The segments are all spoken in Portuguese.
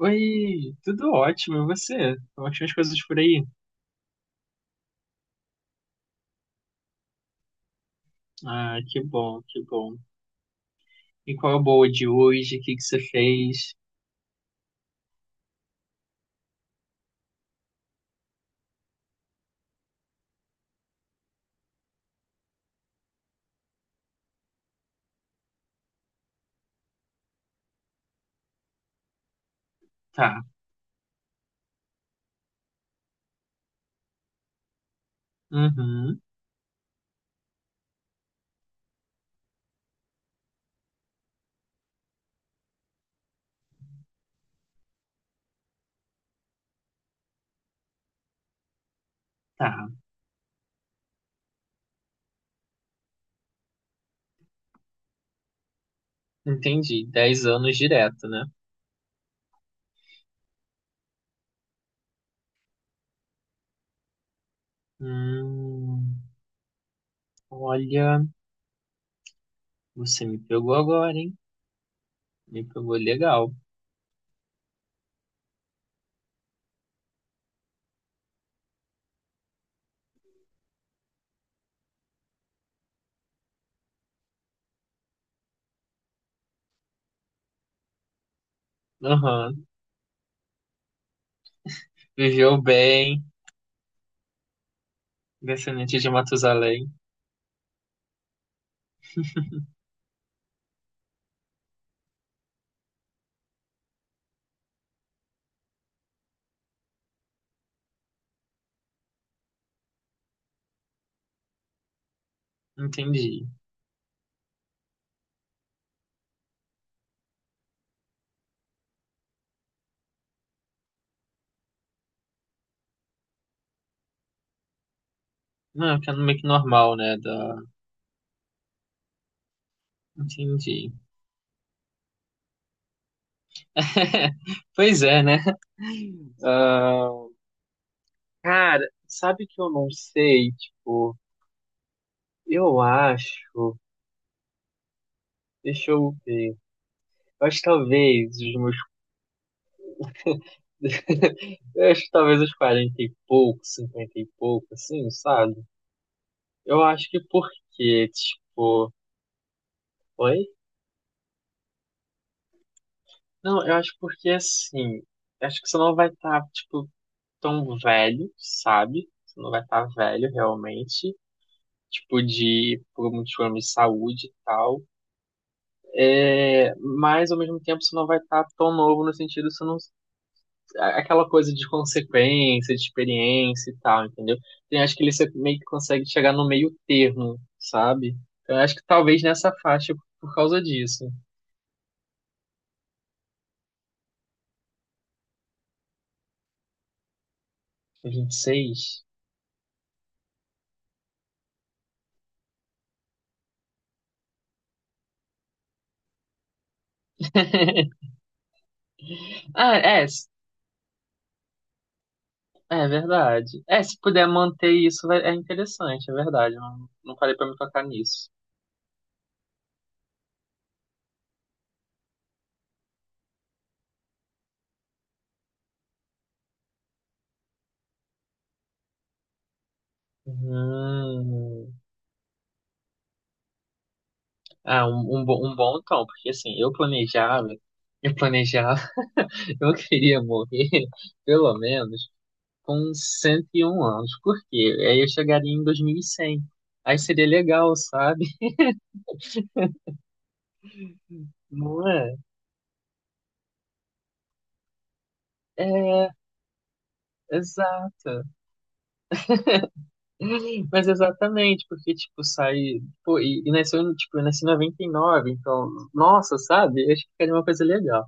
Oi, tudo ótimo, e você? Como é que estão as coisas por aí? Ah, que bom, que bom. E qual é a boa de hoje? O que que você fez? Tá, uhum, tá, entendi. Dez anos direto, né? Hum, olha, você me pegou agora, hein? Me pegou legal. Aham, viveu bem, descendente de Matusalém. Entendi. Não, é que é meio que normal, né? Entendi. Pois é, né? Ah, cara, sabe que eu não sei? Tipo, eu acho. Deixa eu ver. Eu acho que talvez os meus. Eu acho que talvez os 40 e pouco, 50 e pouco, assim, sabe? Eu acho que porque, tipo. Oi? Não, eu acho porque assim. Eu acho que você não vai estar, tipo, tão velho, sabe? Você não vai estar velho realmente. Tipo, de por muitos problemas de saúde e tal. É, mas ao mesmo tempo você não vai estar tão novo no sentido, você não aquela coisa de consequência, de experiência e tal, entendeu? Então, eu acho que ele meio que consegue chegar no meio termo, sabe? Então, eu acho que talvez nessa faixa por causa disso. 26. Ah, é, é verdade. É, se puder manter isso, é interessante, é verdade. Eu não, não parei pra me tocar nisso. Hum. Ah, um bom tom, porque assim, eu planejava, eu queria morrer, pelo menos. Com 101 anos. Por quê? Aí eu chegaria em 2100. Aí seria legal, sabe? Não é? É, exato. Mas exatamente, porque, tipo. Pô, e nasceu, em, tipo, eu nasci em 99, então. Nossa, sabe? Eu acho que ficaria uma coisa legal.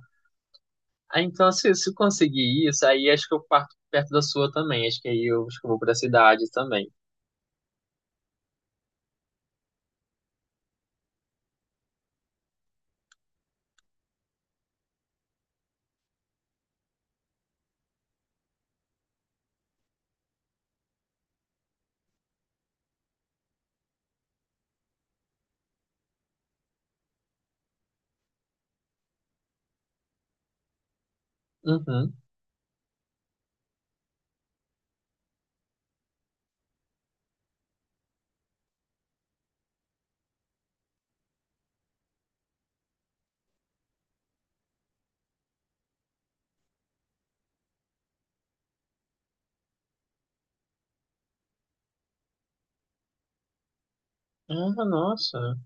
Aí, então, se eu conseguir isso, aí acho que eu parto perto da sua também. Acho que aí eu, acho que eu vou pra cidade também. Uhum. Ah, nossa.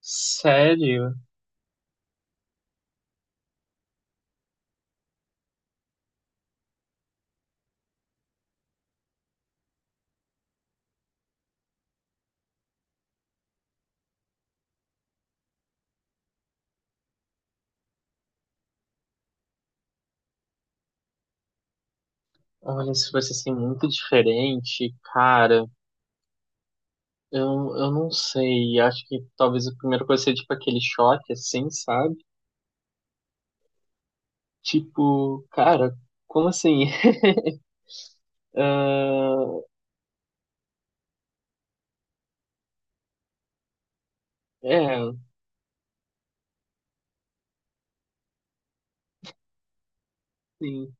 Sério? Olha, se fosse assim muito diferente, cara. Eu, eu não sei, acho que talvez a primeira coisa seja tipo aquele choque, assim, sabe? Tipo, cara, como assim? Ah, é, sim.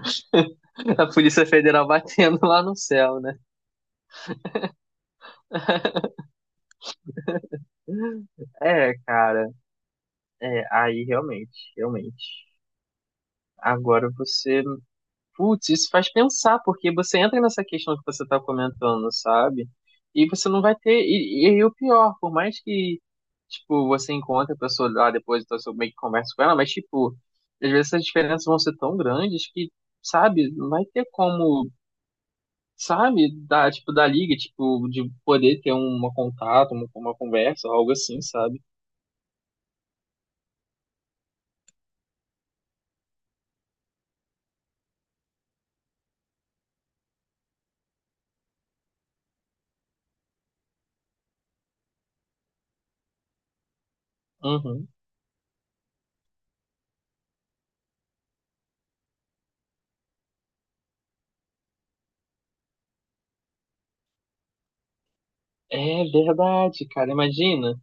A Polícia Federal batendo lá no céu, né? É, cara, é, aí realmente, realmente. Agora você Putz, isso faz pensar, porque você entra nessa questão que você está comentando, sabe? E você não vai ter. E, aí o pior, por mais que, tipo, você encontre a pessoa lá depois, então você meio que conversa com ela, mas, tipo, às vezes essas diferenças vão ser tão grandes que, sabe, não vai ter como, sabe, da, tipo, da liga, tipo, de poder ter um contato, uma conversa, algo assim, sabe? Uhum. É verdade, cara, imagina.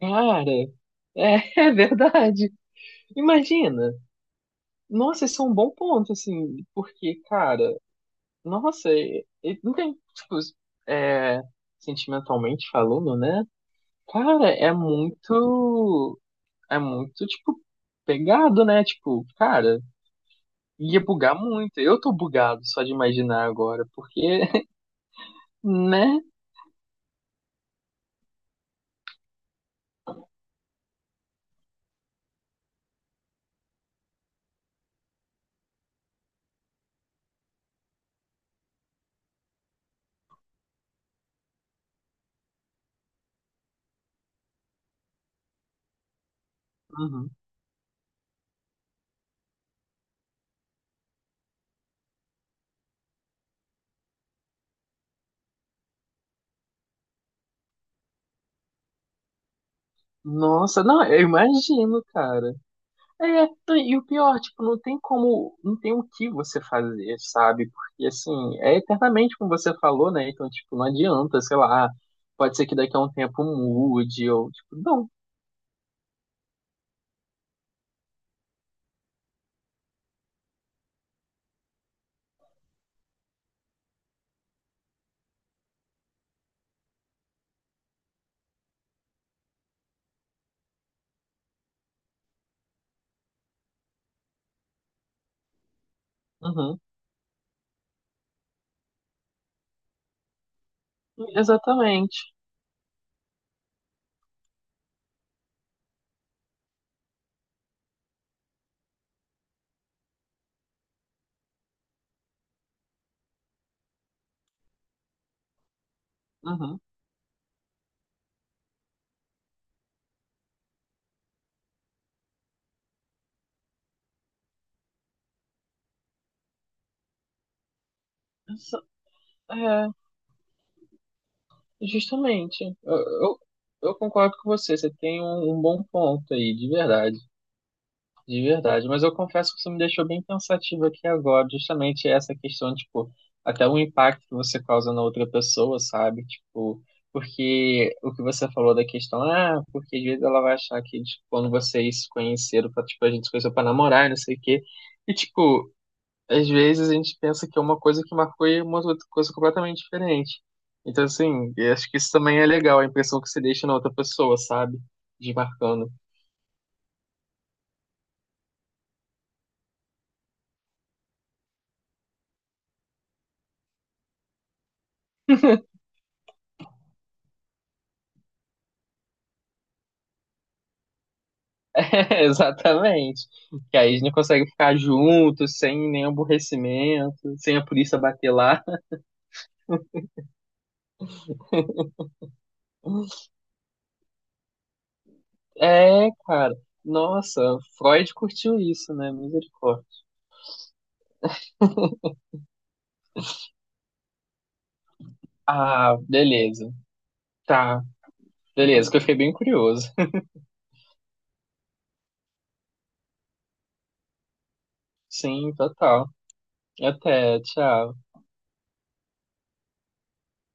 Cara, é verdade. Imagina. Nossa, isso é um bom ponto, assim, porque, cara, nossa, e não tem, tipo, é, sentimentalmente falando, né? Cara, é muito, tipo, pegado, né? Tipo, cara, ia bugar muito. Eu tô bugado só de imaginar agora, porque, né? Uhum. Nossa, não, eu imagino, cara. É, e o pior, tipo, não tem como, não tem o que você fazer, sabe? Porque, assim, é eternamente como você falou, né? Então, tipo, não adianta, sei lá, pode ser que daqui a um tempo mude, ou, tipo, não. Uhum. Exatamente. Uhum. Exa- É, justamente. Eu concordo com você, você tem um bom ponto aí, de verdade. De verdade, mas eu confesso que você me deixou bem pensativo aqui agora, justamente essa questão, tipo, até o impacto que você causa na outra pessoa, sabe? Tipo, porque o que você falou da questão, ah, porque às vezes ela vai achar que, tipo, quando vocês se conheceram, tipo, a gente se conheceu pra namorar, e não sei o quê, e, tipo, às vezes a gente pensa que é uma coisa que marcou e uma outra coisa completamente diferente. Então, assim, eu acho que isso também é legal, a impressão que você deixa na outra pessoa, sabe? De marcando. Exatamente. Que aí a gente consegue ficar junto, sem nenhum aborrecimento, sem a polícia bater lá. É, cara. Nossa, Freud curtiu isso, né? Misericórdia. Ah, beleza. Tá, beleza, que eu fiquei bem curioso. Sim, total. Até, tchau.